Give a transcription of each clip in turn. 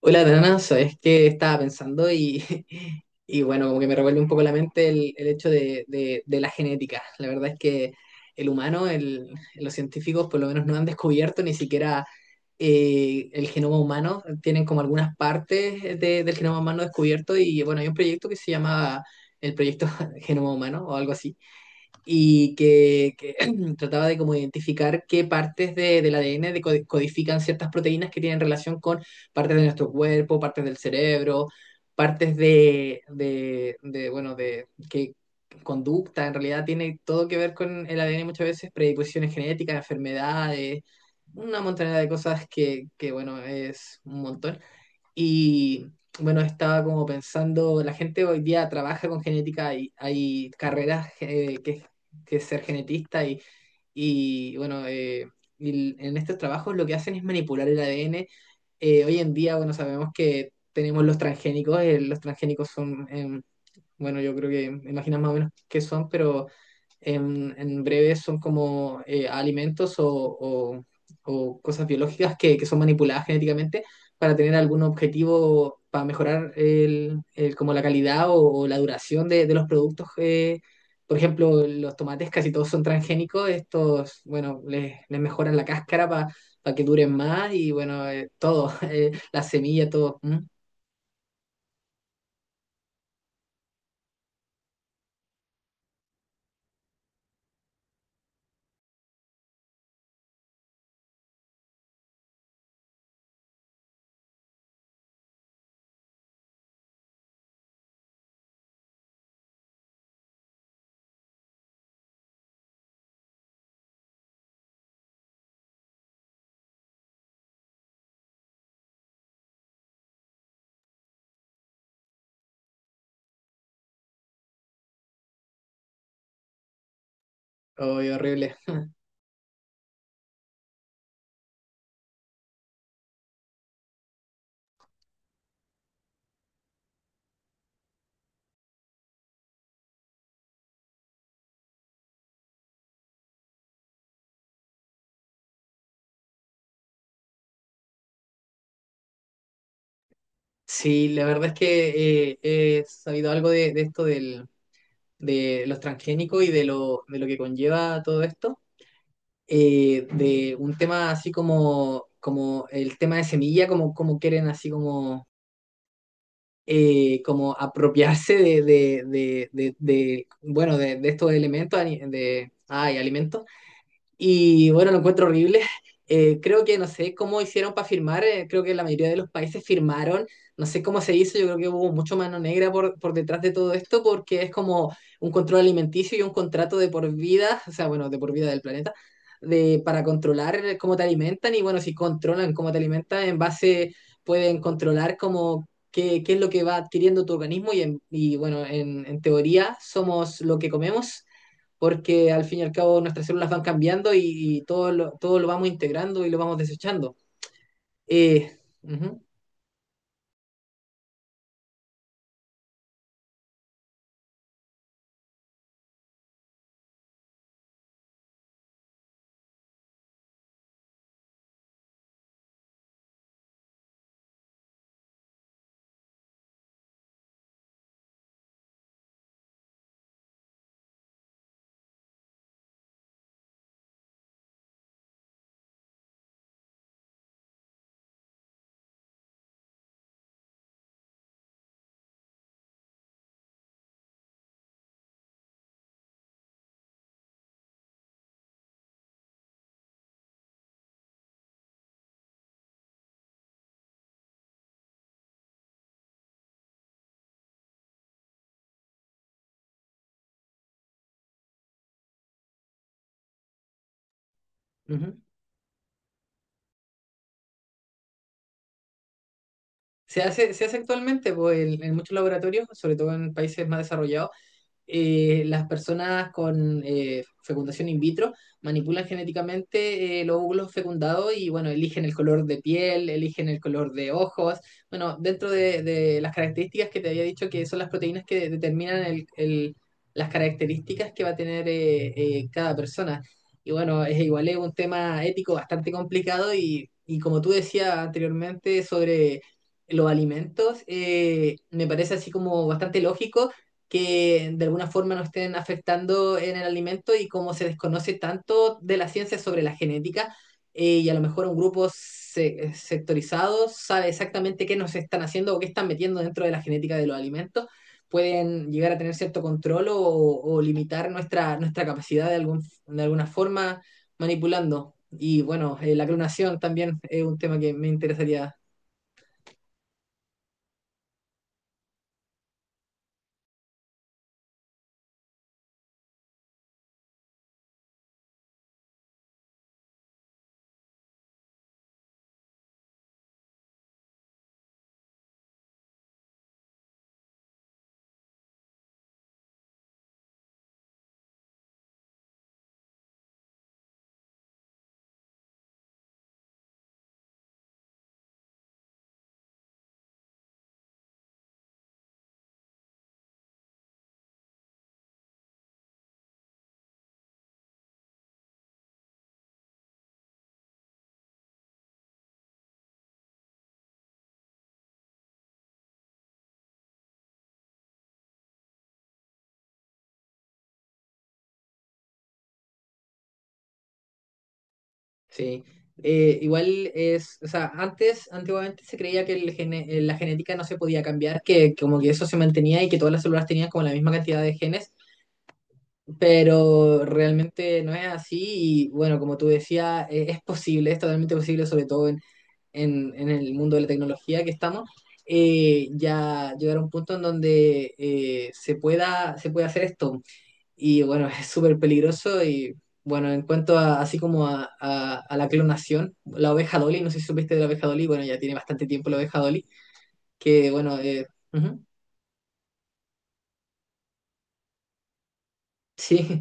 Hola, Dana, sabes que estaba pensando y, y bueno, como que me revuelve un poco la mente el hecho de la genética. La verdad es que el humano, los científicos por lo menos no han descubierto ni siquiera el genoma humano. Tienen como algunas partes del genoma humano descubierto y bueno, hay un proyecto que se llama el proyecto Genoma Humano o algo así y que trataba de como identificar qué partes de, del ADN codifican ciertas proteínas que tienen relación con partes de nuestro cuerpo, partes del cerebro, partes de, bueno, de que conducta, en realidad tiene todo que ver con el ADN muchas veces, predisposiciones genéticas, enfermedades, una montaña de cosas que bueno, es un montón. Y bueno, estaba como pensando, la gente hoy día trabaja con genética, y hay carreras que es ser genetista y, y bueno, eh, y en estos trabajos lo que hacen es manipular el ADN. Hoy en día, bueno, sabemos que tenemos los transgénicos son, bueno, yo creo que imaginas más o menos qué son, pero en breve son como alimentos o- o cosas biológicas que son manipuladas genéticamente para tener algún objetivo para mejorar el, como la calidad o la duración de los productos. Por ejemplo, los tomates casi todos son transgénicos. Estos, bueno, les mejoran la cáscara para que duren más y bueno, todo, las semillas, todo. Mm. Oh, horrible. Sí, la verdad es que he sabido algo de esto del, de los transgénicos y de de lo que conlleva todo esto, de un tema así como el tema de semilla, como quieren así como, como apropiarse de, bueno, de estos elementos, ay, alimentos. Y bueno, lo encuentro horrible. Creo que no sé cómo hicieron para firmar, creo que la mayoría de los países firmaron, no sé cómo se hizo. Yo creo que hubo mucho mano negra por detrás de todo esto porque es como un control alimenticio y un contrato de por vida, o sea, bueno, de por vida del planeta, de, para controlar cómo te alimentan y bueno, si controlan cómo te alimentan, en base pueden controlar como qué, qué es lo que va adquiriendo tu organismo y bueno, en teoría somos lo que comemos porque al fin y al cabo nuestras células van cambiando y todo lo vamos integrando y lo vamos desechando. Eh, Ujú, ujú. Se hace actualmente pues, en muchos laboratorios, sobre todo en países más desarrollados, las personas con fecundación in vitro manipulan genéticamente los óvulos fecundados y bueno, eligen el color de piel, eligen el color de ojos. Bueno, dentro de las características que te había dicho que son las proteínas que determinan las características que va a tener cada persona. Y bueno, es igual es un tema ético bastante complicado y como tú decías anteriormente sobre los alimentos, me parece así como bastante lógico que de alguna forma nos estén afectando en el alimento y como se desconoce tanto de la ciencia sobre la genética y a lo mejor un grupo sectorizado sabe exactamente qué nos están haciendo o qué están metiendo dentro de la genética de los alimentos, pueden llegar a tener cierto control o limitar nuestra, nuestra capacidad de alguna forma manipulando. Y bueno, la clonación también es un tema que me interesaría. Sí, igual es, o sea, antes, antiguamente se creía que la genética no se podía cambiar, que como que eso se mantenía y que todas las células tenían como la misma cantidad de genes, pero realmente no es así y bueno, como tú decías, es posible, es totalmente posible, sobre todo en el mundo de la tecnología que estamos, ya llegar a un punto en donde se puede hacer esto. Y bueno, es súper peligroso y bueno, en cuanto a, así como a la clonación, la oveja Dolly, no sé si supiste de la oveja Dolly. Bueno, ya tiene bastante tiempo la oveja Dolly, que bueno, ujú, sí,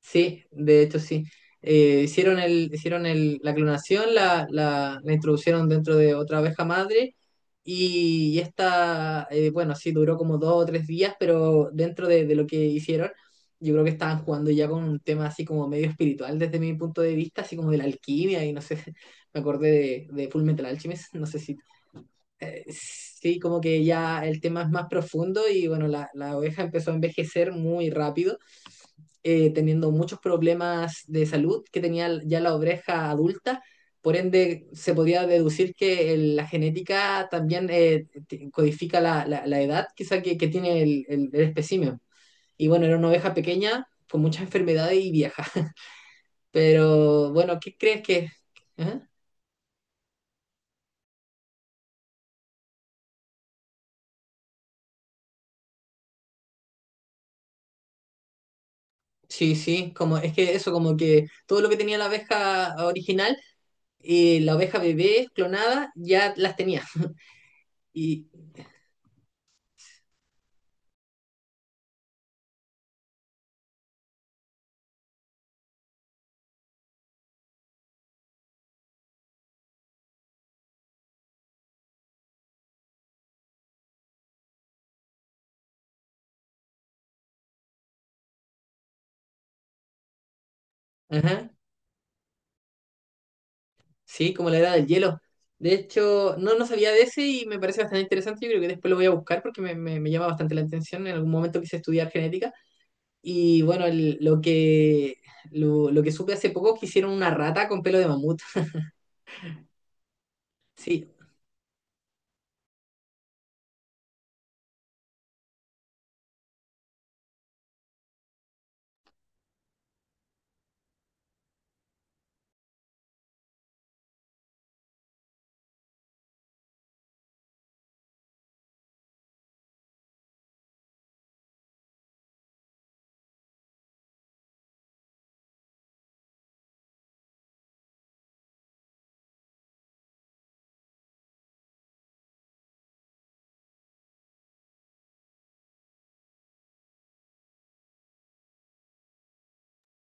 sí, de hecho sí. Hicieron el, la clonación, la introducieron dentro de otra abeja madre y esta, bueno, sí, duró como dos o tres días, pero dentro de lo que hicieron, yo creo que estaban jugando ya con un tema así como medio espiritual desde mi punto de vista, así como de la alquimia y no sé, me acordé de Full Metal Alchemist, no sé si, sí, como que ya el tema es más profundo y bueno, la oveja empezó a envejecer muy rápido teniendo muchos problemas de salud que tenía ya la oveja adulta. Por ende, se podía deducir que la genética también codifica la edad quizá que tiene el, el espécimen. Y bueno, era una oveja pequeña con muchas enfermedades y vieja. Pero bueno, ¿qué crees que...? ¿Eh? Sí, sí, como, es que eso, como que todo lo que tenía la oveja original y la oveja bebé clonada ya las tenía. Y, ajá. Sí, como la edad del hielo. De hecho, no, no sabía de ese y me parece bastante interesante. Yo creo que después lo voy a buscar porque me, me llama bastante la atención. En algún momento quise estudiar genética. Y bueno, lo que supe hace poco es que hicieron una rata con pelo de mamut. Sí,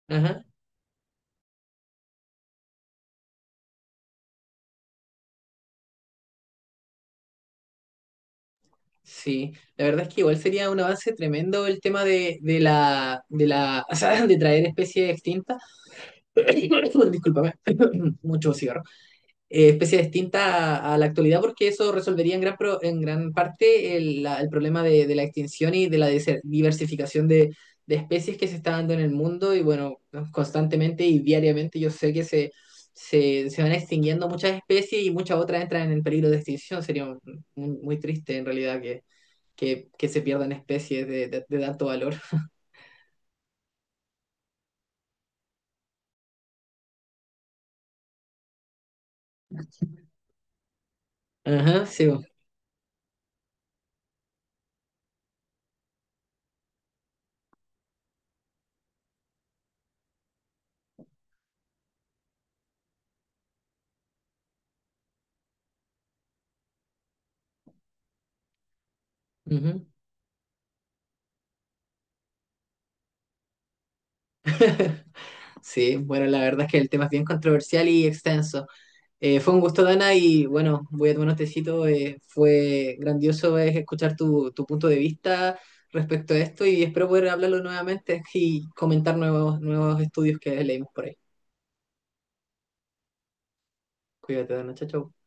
ajá, sí. La verdad es que igual sería un avance tremendo el tema de la, o sea de traer especies extintas. Discúlpame, mucho cigarro. Especie distinta la actualidad porque eso resolvería en en gran parte el, el problema de la extinción y de la diversificación de especies que se está dando en el mundo y bueno, constantemente y diariamente yo sé se van extinguiendo muchas especies y muchas otras entran en peligro de extinción. Sería muy triste en realidad que se pierdan especies de tanto valor. Ajá, sí. Ujú. Sí, bueno, la verdad es que el tema es bien controversial y extenso. Fue un gusto, Dana, y bueno, voy a tomar un tecito. Fue grandioso es escuchar tu, tu punto de vista respecto a esto y espero poder hablarlo nuevamente y comentar nuevos, nuevos estudios que leímos por ahí. Cuídate, Dana, chao, chao.